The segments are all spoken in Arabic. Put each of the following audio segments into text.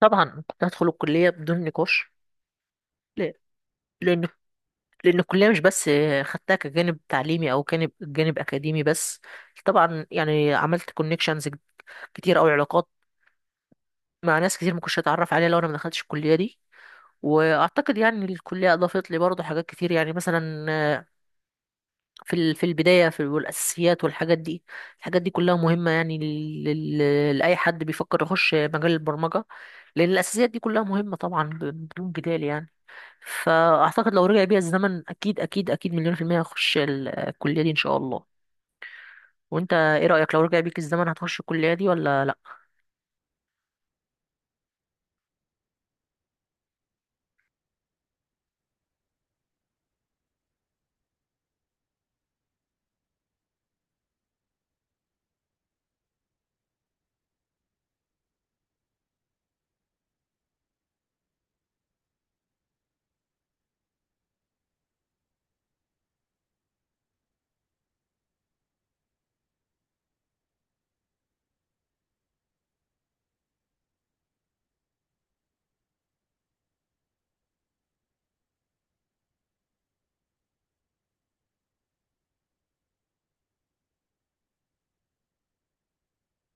طبعا كنت هدخل الكلية بدون نقاش. لا- لأن لأن الكلية مش بس خدتها كجانب تعليمي أو جانب أكاديمي بس. طبعا يعني عملت كونكشنز كتير أو علاقات مع ناس كتير ما كنتش أتعرف عليها لو أنا ما دخلتش الكلية دي، وأعتقد يعني الكلية أضافت لي برضه حاجات كتير، يعني مثلا في البداية، في والأساسيات والحاجات دي. الحاجات دي كلها مهمة يعني لأي حد بيفكر يخش مجال البرمجة، لأن الأساسيات دي كلها مهمة طبعا بدون جدال يعني. فاعتقد لو رجع بيا الزمن اكيد اكيد اكيد مليون% هخش الكلية دي ان شاء الله. وانت ايه رأيك؟ لو رجع بيك الزمن هتخش الكلية دي ولا لا؟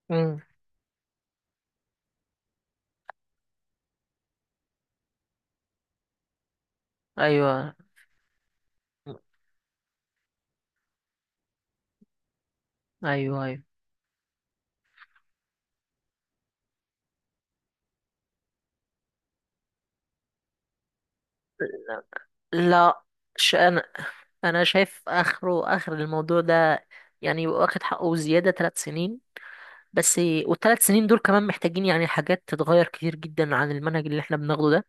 امم. ايوه ايوه ايوه. لا، ش- انا انا شايف اخر الموضوع ده يعني يبقى واخد حقه زيادة 3 سنين بس، والثلاث سنين دول كمان محتاجين يعني حاجات تتغير كتير جدا عن المنهج اللي احنا بناخده ده،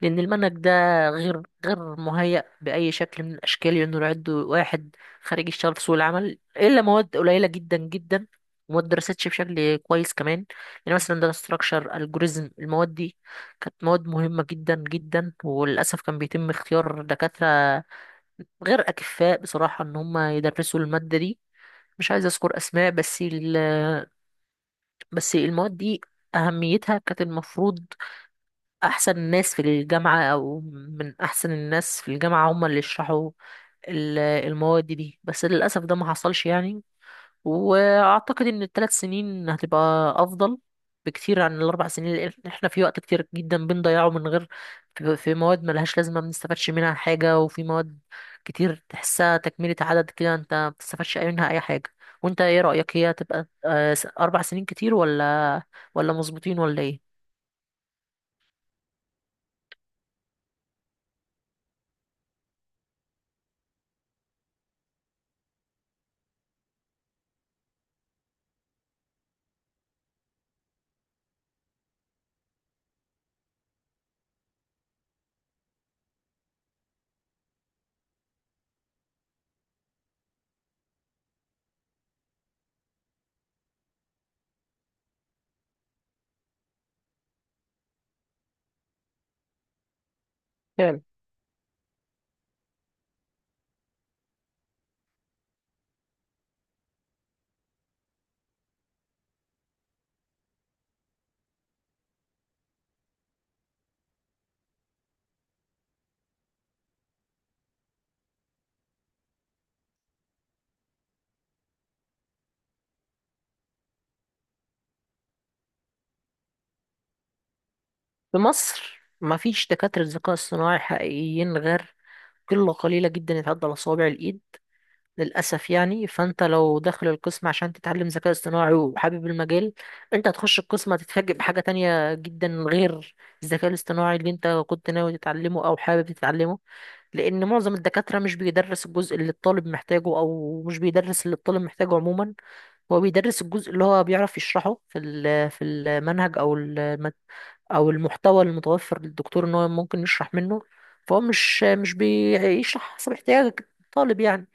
لأن المنهج ده غير مهيأ بأي شكل من الأشكال إنه يعد واحد خارج يشتغل في سوق العمل، إلا مواد قليلة جدا جدا وما اتدرستش بشكل كويس كمان. يعني مثلا ده ستراكشر الجوريزم، المواد دي كانت مواد مهمة جدا جدا، وللأسف كان بيتم اختيار دكاترة غير أكفاء بصراحة إن هم يدرسوا المادة دي. مش عايز أذكر أسماء بس ال بس المواد دي أهميتها كانت المفروض احسن ناس في الجامعة او من احسن الناس في الجامعة هم اللي يشرحوا المواد دي، بس للاسف ده ما حصلش يعني. واعتقد ان ال3 سنين هتبقى افضل بكتير عن ال4 سنين، لان احنا في وقت كتير جدا بنضيعه من غير، في مواد ملهاش لازمة ما بنستفادش منها حاجة، وفي مواد كتير تحسها تكملة عدد كده انت ما بتستفادش منها اي حاجة. وانت ايه رأيك؟ هي هتبقى 4 سنين كتير، ولا ولا مظبوطين ولا ايه؟ في مصر مفيش دكاترة ذكاء اصطناعي حقيقيين غير قلة قليلة جدا يتعدى على صوابع الإيد للأسف يعني. فأنت لو داخل القسم عشان تتعلم ذكاء اصطناعي وحابب المجال، أنت هتخش القسم هتتفاجئ بحاجة تانية جدا غير الذكاء الاصطناعي اللي أنت كنت ناوي تتعلمه أو حابب تتعلمه، لأن معظم الدكاترة مش بيدرس الجزء اللي الطالب محتاجه، أو مش بيدرس اللي الطالب محتاجه عموما. هو بيدرس الجزء اللي هو بيعرف يشرحه في المنهج أو المادة او المحتوى المتوفر للدكتور ان هو ممكن يشرح منه، فهو مش بيشرح حسب احتياجك الطالب يعني.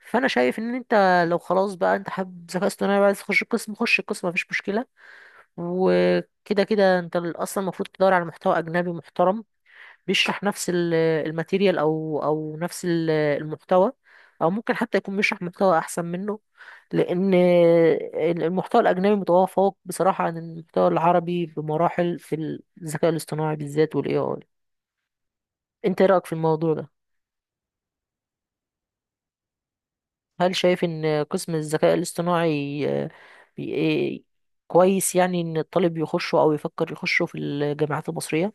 فانا شايف ان انت لو خلاص بقى انت حابب ذكاء اصطناعي وعايز تخش القسم، خش القسم مفيش مشكله، وكده كده انت اصلا المفروض تدور على محتوى اجنبي محترم بيشرح نفس الماتيريال او نفس المحتوى، او ممكن حتى يكون بيشرح محتوى احسن منه، لان المحتوى الاجنبي متفوق بصراحه عن المحتوى العربي بمراحل في الذكاء الاصطناعي بالذات والاي اي. انت إيه رايك في الموضوع ده؟ هل شايف ان قسم الذكاء الاصطناعي آه، بي- إيه، كويس يعني ان الطالب يخشه او يفكر يخشه في الجامعات المصريه؟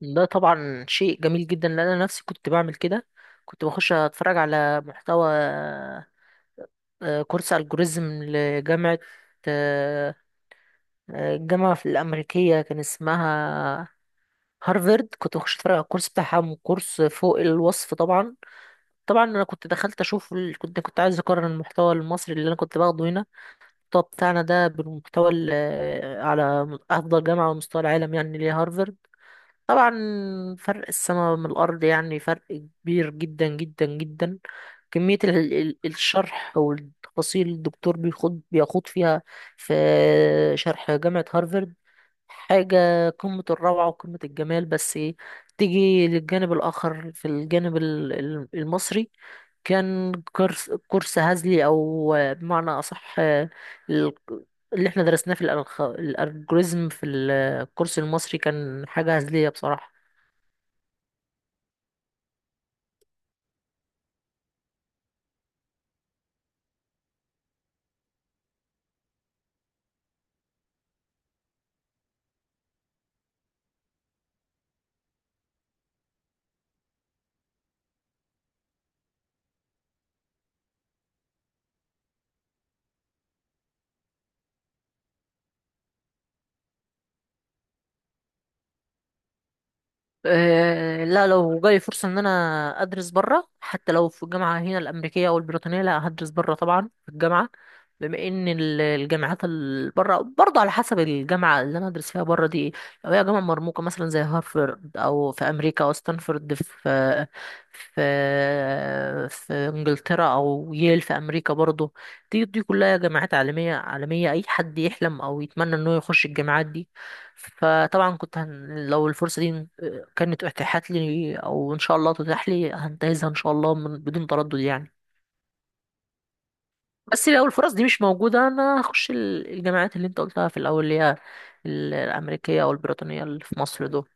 ده طبعا شيء جميل جدا، لان انا نفسي كنت بعمل كده. كنت بخش اتفرج على محتوى، كورس الجوريزم لجامعة، آه، الجامعة في الأمريكية كان اسمها هارفرد. كنت بخش اتفرج على الكورس بتاعها، كورس فوق الوصف طبعا. طبعا انا كنت دخلت اشوف كنت عايز اقارن المحتوى المصري اللي انا كنت باخده هنا، المحتوى بتاعنا ده، بالمحتوى على افضل جامعة على مستوى العالم يعني اللي هي هارفرد. طبعا فرق السماء من الأرض يعني، فرق كبير جدا جدا جدا. كمية الشرح والتفاصيل الدكتور بيخوض فيها في شرح جامعة هارفارد حاجة قمة الروعة وقمة الجمال. بس تيجي للجانب الآخر في الجانب المصري، كان كورس هزلي، أو بمعنى أصح اللي احنا درسناه في الألجوريزم في الكورس المصري كان حاجة هزلية بصراحة. لا، لو جالي فرصة إن أنا أدرس برا حتى لو في الجامعة هنا الأمريكية أو البريطانية، لا هدرس برا طبعا في الجامعة، بما إن الجامعات اللي برا برضه على حسب الجامعة اللي أنا أدرس فيها برا دي إيه. لو هي جامعة مرموقة مثلا زي هارفرد أو في أمريكا، أو ستانفورد في في إنجلترا، أو ييل في أمريكا برضه، دي كلها جامعات عالمية، عالمية أي حد يحلم أو يتمنى إنه يخش الجامعات دي. فطبعا كنت لو الفرصة دي كانت اتاحت لي او ان شاء الله تتاح لي هنتهزها ان شاء الله من بدون تردد يعني. بس لو الفرص دي مش موجوده انا هخش الجامعات اللي انت قلتها في الاول اللي هي الامريكيه او البريطانيه اللي في مصر دول.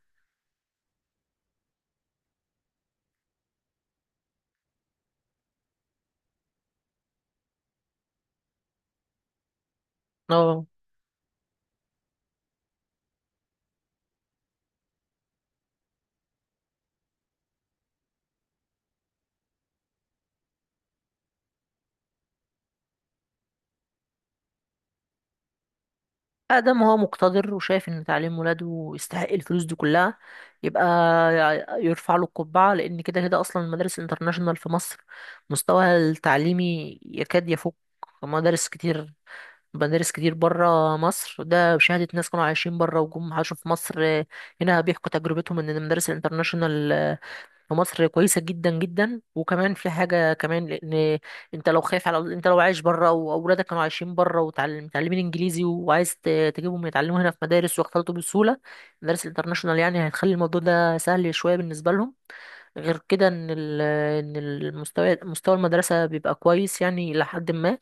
اه. ادم هو مقتدر وشايف ان تعليم ولاده يستحق الفلوس دي كلها، يبقى يرفع له القبعه، لان كده كده اصلا المدارس الانترناشونال في مصر مستواها التعليمي يكاد يفوق مدارس كتير، مدارس كتير بره مصر. ده بشهادة ناس كانوا عايشين بره وجم عاشوا في مصر، هنا بيحكوا تجربتهم ان المدارس الانترناشونال في مصر كويسة جدا جدا. وكمان في حاجة كمان، لان انت لو خايف على، انت لو عايش بره واولادك كانوا عايشين بره ومتعلمين انجليزي وعايز تجيبهم يتعلموا هنا في مدارس واختلطوا بسهولة، المدارس الانترناشونال يعني هتخلي الموضوع ده سهل شوية بالنسبة لهم. غير كده ان ان المستوى، مستوى المدرسة بيبقى كويس يعني لحد ما.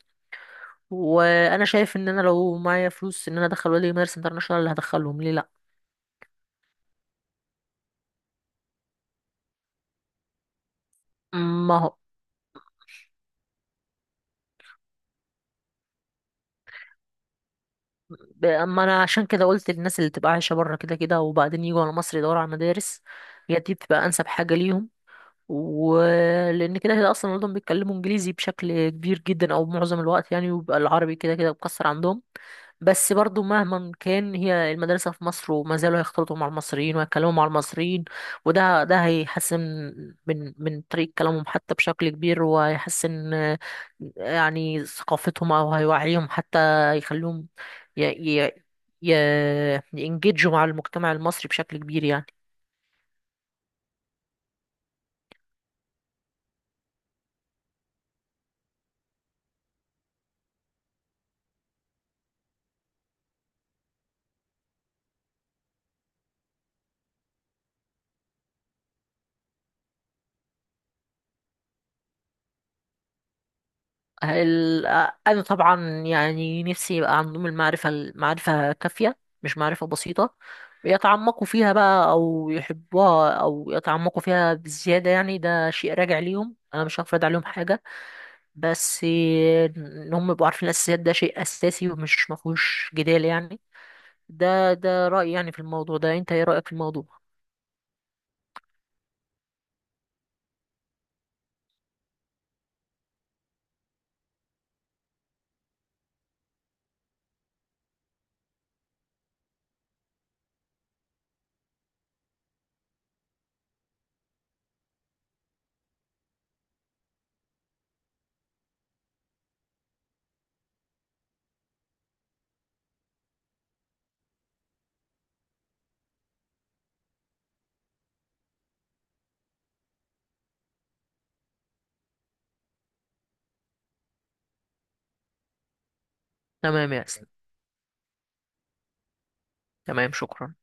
وانا شايف ان انا لو معايا فلوس ان انا ادخل ولادي مدارس انترناشونال، اللي هدخلهم ليه؟ لا ما هو. اما انا عشان كده قلت للناس اللي تبقى عايشه بره كده كده وبعدين يجوا على مصر يدوروا على مدارس، هي دي بتبقى انسب حاجه ليهم، ولان كده كده اصلا اولادهم بيتكلموا انجليزي بشكل كبير جدا او معظم الوقت يعني، ويبقى العربي كده كده مكسر عندهم. بس برضو مهما كان هي المدرسة في مصر وما زالوا هيختلطوا مع المصريين ويتكلموا مع المصريين، وده ده هيحسن من طريقة كلامهم حتى بشكل كبير، وهيحسن يعني ثقافتهم أو هيوعيهم حتى، يخليهم ي ي ي ينجدجوا مع المجتمع المصري بشكل كبير يعني. ال- انا طبعا يعني نفسي يبقى عندهم المعرفه كافيه مش معرفه بسيطه. يتعمقوا فيها بقى او يحبوها او يتعمقوا فيها بزياده، يعني ده شيء راجع ليهم، انا مش هفرض عليهم حاجه. بس ان هم يبقوا عارفين الاساسيات ده شيء اساسي ومش مفهوش جدال يعني. ده رايي يعني في الموضوع ده. انت ايه رايك في الموضوع؟ تمام يا اسلام، تمام شكرا.